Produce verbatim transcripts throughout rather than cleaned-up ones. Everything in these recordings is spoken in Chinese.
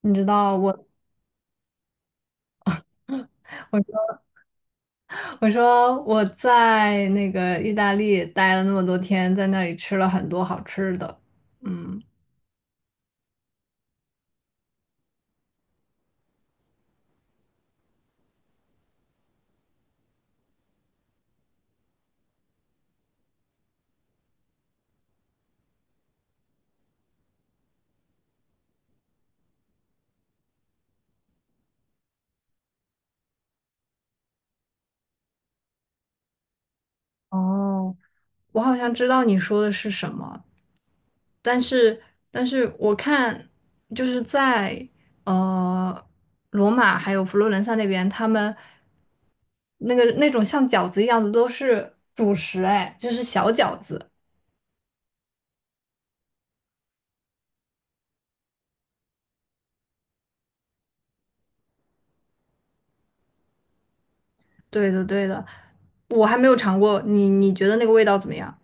你知道我，我说我说我在那个意大利待了那么多天，在那里吃了很多好吃的。嗯，哦，我好像知道你说的是什么，但是但是我看就是在呃罗马还有佛罗伦萨那边，他们那个那种像饺子一样的都是主食，哎，就是小饺子。对的对的，我还没有尝过，你你觉得那个味道怎么样？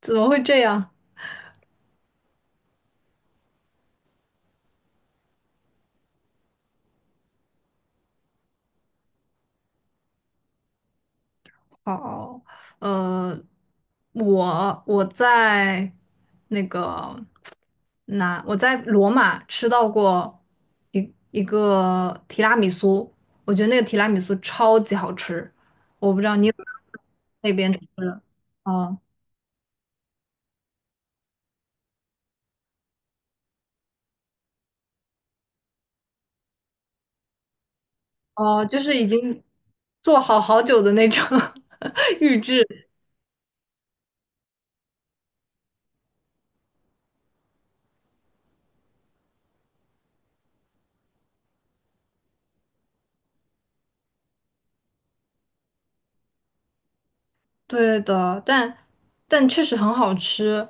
怎么会这样？哦，呃，我我在那个哪，我在罗马吃到过一一个提拉米苏，我觉得那个提拉米苏超级好吃，我不知道你有没有那边吃的？哦哦，就是已经做好好久的那种 预制，对的，但但确实很好吃。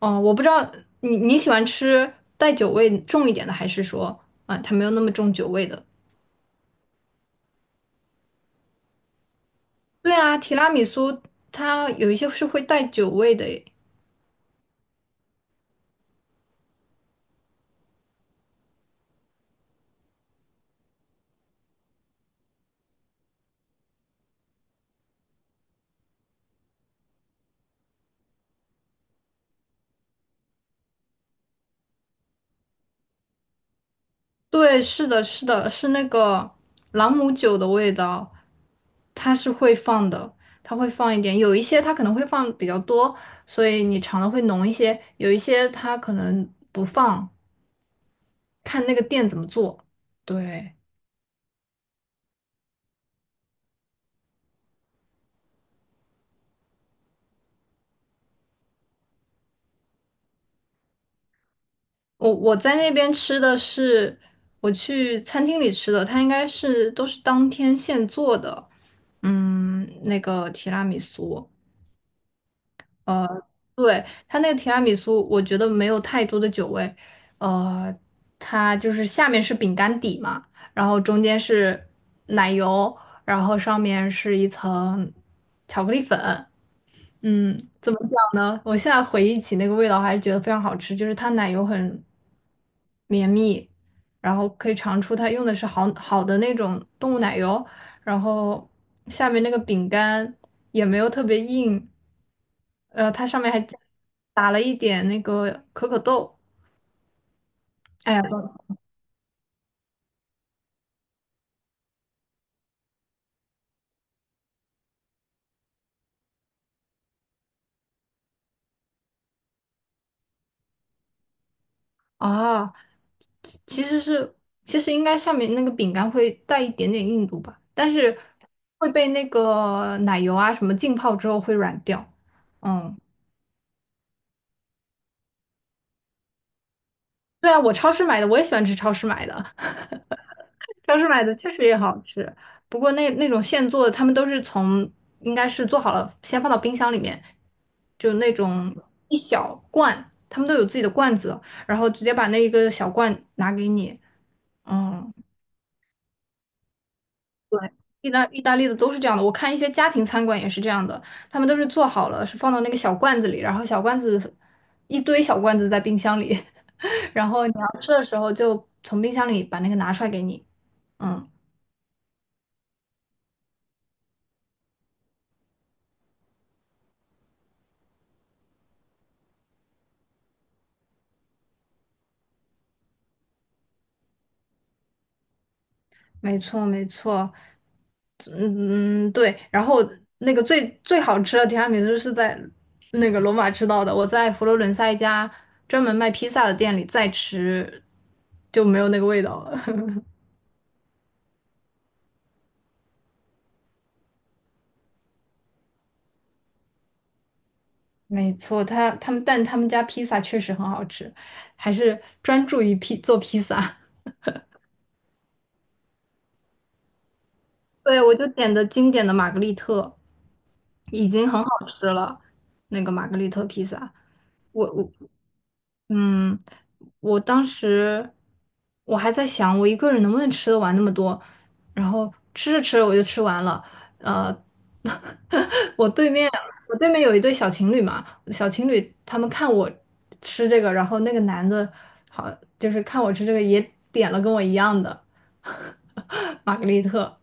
哦，我不知道你你喜欢吃带酒味重一点的，还是说啊，它没有那么重酒味的？对啊，提拉米苏它有一些是会带酒味的诶。对，是的，是的，是那个朗姆酒的味道，它是会放的，它会放一点。有一些它可能会放比较多，所以你尝的会浓一些；有一些它可能不放，看那个店怎么做。对。我我在那边吃的是我去餐厅里吃的，它应该是都是当天现做的，嗯，那个提拉米苏，呃，对，它那个提拉米苏，我觉得没有太多的酒味，呃，它就是下面是饼干底嘛，然后中间是奶油，然后上面是一层巧克力粉，嗯，怎么讲呢？我现在回忆起那个味道，还是觉得非常好吃，就是它奶油很绵密，然后可以尝出它用的是好好的那种动物奶油，然后下面那个饼干也没有特别硬，呃，它上面还加打了一点那个可可豆，哎呀，啊，其其实是其实应该上面那个饼干会带一点点硬度吧，但是会被那个奶油啊什么浸泡之后会软掉，嗯。对啊，我超市买的，我也喜欢吃超市买的。超市买的确实也好吃，不过那那种现做的，他们都是从应该是做好了，先放到冰箱里面，就那种一小罐，他们都有自己的罐子，然后直接把那一个小罐拿给你。嗯，意大意大利的都是这样的，我看一些家庭餐馆也是这样的，他们都是做好了，是放到那个小罐子里，然后小罐子一堆小罐子在冰箱里，然后你要吃的时候就从冰箱里把那个拿出来给你。嗯。没错，没错，嗯，嗯对。然后那个最最好吃的提拉米苏是在那个罗马吃到的，我在佛罗伦萨一家专门卖披萨的店里再吃，就没有那个味道了。没错，他他们但他们家披萨确实很好吃，还是专注于披做披萨。对，我就点的经典的玛格丽特，已经很好吃了，那个玛格丽特披萨。我我嗯，我当时我还在想，我一个人能不能吃得完那么多，然后吃着吃着我就吃完了。呃，我对面我对面有一对小情侣嘛，小情侣他们看我吃这个，然后那个男的好就是看我吃这个也点了跟我一样的 玛格丽特，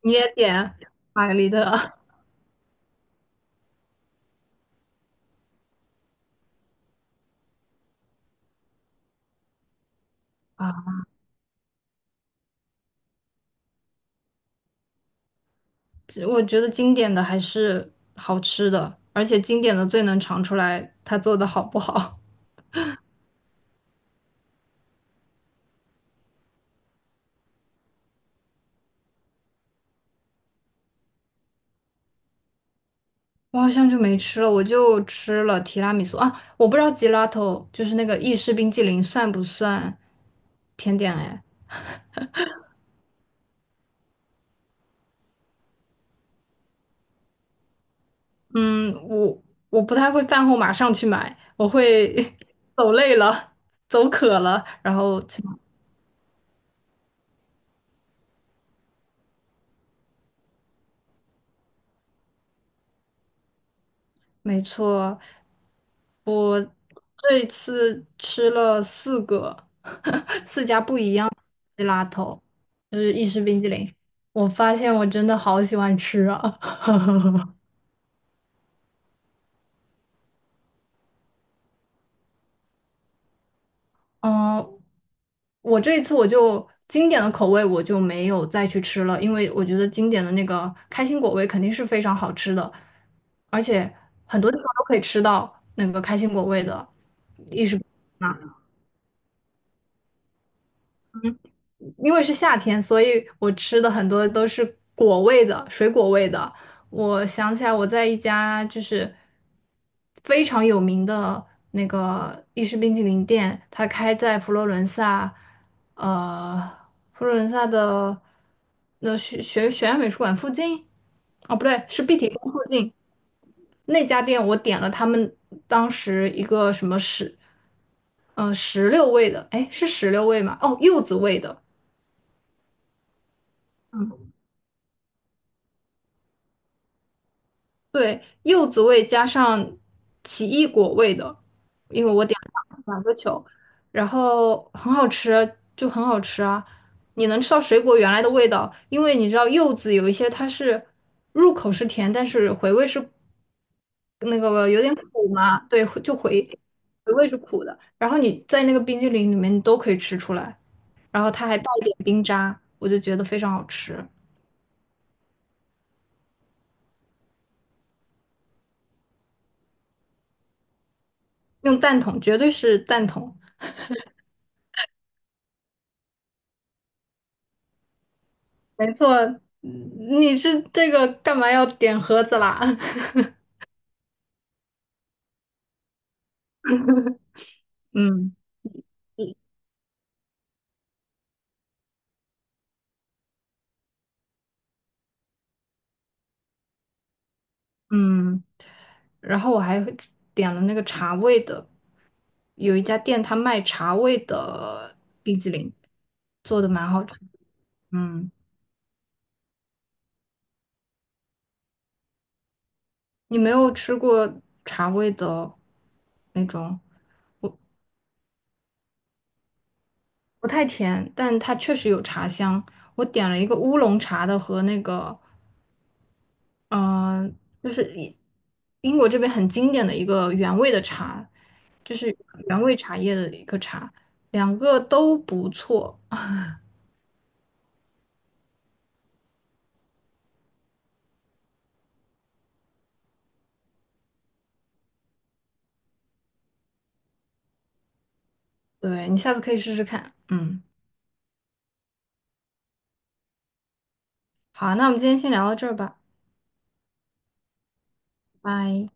你也点玛格丽特。啊？我觉得经典的还是好吃的，而且经典的最能尝出来它做的好不好。我好像就没吃了，我就吃了提拉米苏啊，我不知道吉拉头就是那个意式冰激凌算不算甜点哎？嗯，我我不太会饭后马上去买，我会 走累了、走渴了，然后去买。没错，我这一次吃了四个，四家不。g 拉头 a 就是意式冰激凌。我发现我真的好喜欢吃啊！嗯，我这一次我就经典的口味我就没有再去吃了，因为我觉得经典的那个开心果味肯定是非常好吃的，而且很多地方都可以吃到那个开心果味的。因为是夏天，所以我吃的很多都是果味的，水果味的。我想起来，我在一家就是非常有名的那个意式冰淇淋店，它开在佛罗伦萨，呃，佛罗伦萨的那学学学院美术馆附近，哦，不对，是碧提宫附近那家店，我点了他们当时一个什么石，呃，石榴味的，哎，是石榴味吗？哦，柚子味的。对，柚子味加上奇异果味的，因为我点了两个球，然后很好吃，就很好吃啊！你能吃到水果原来的味道，因为你知道柚子有一些它是入口是甜，但是回味是那个有点苦嘛，对，就回回味是苦的。然后你在那个冰激凌里面你都可以吃出来，然后它还带一点冰渣，我就觉得非常好吃。用蛋筒，绝对是蛋筒。没错，嗯，你是这个干嘛要点盒子啦？嗯嗯，然后我还点了那个茶味的，有一家店它卖茶味的冰激凌，做的蛮好吃。嗯，你没有吃过茶味的那种，不太甜，但它确实有茶香。我点了一个乌龙茶的和那个嗯、呃就是英英国这边很经典的一个原味的茶，就是原味茶叶的一个茶，两个都不错。对，你下次可以试试看。嗯，好，那我们今天先聊到这儿吧，拜。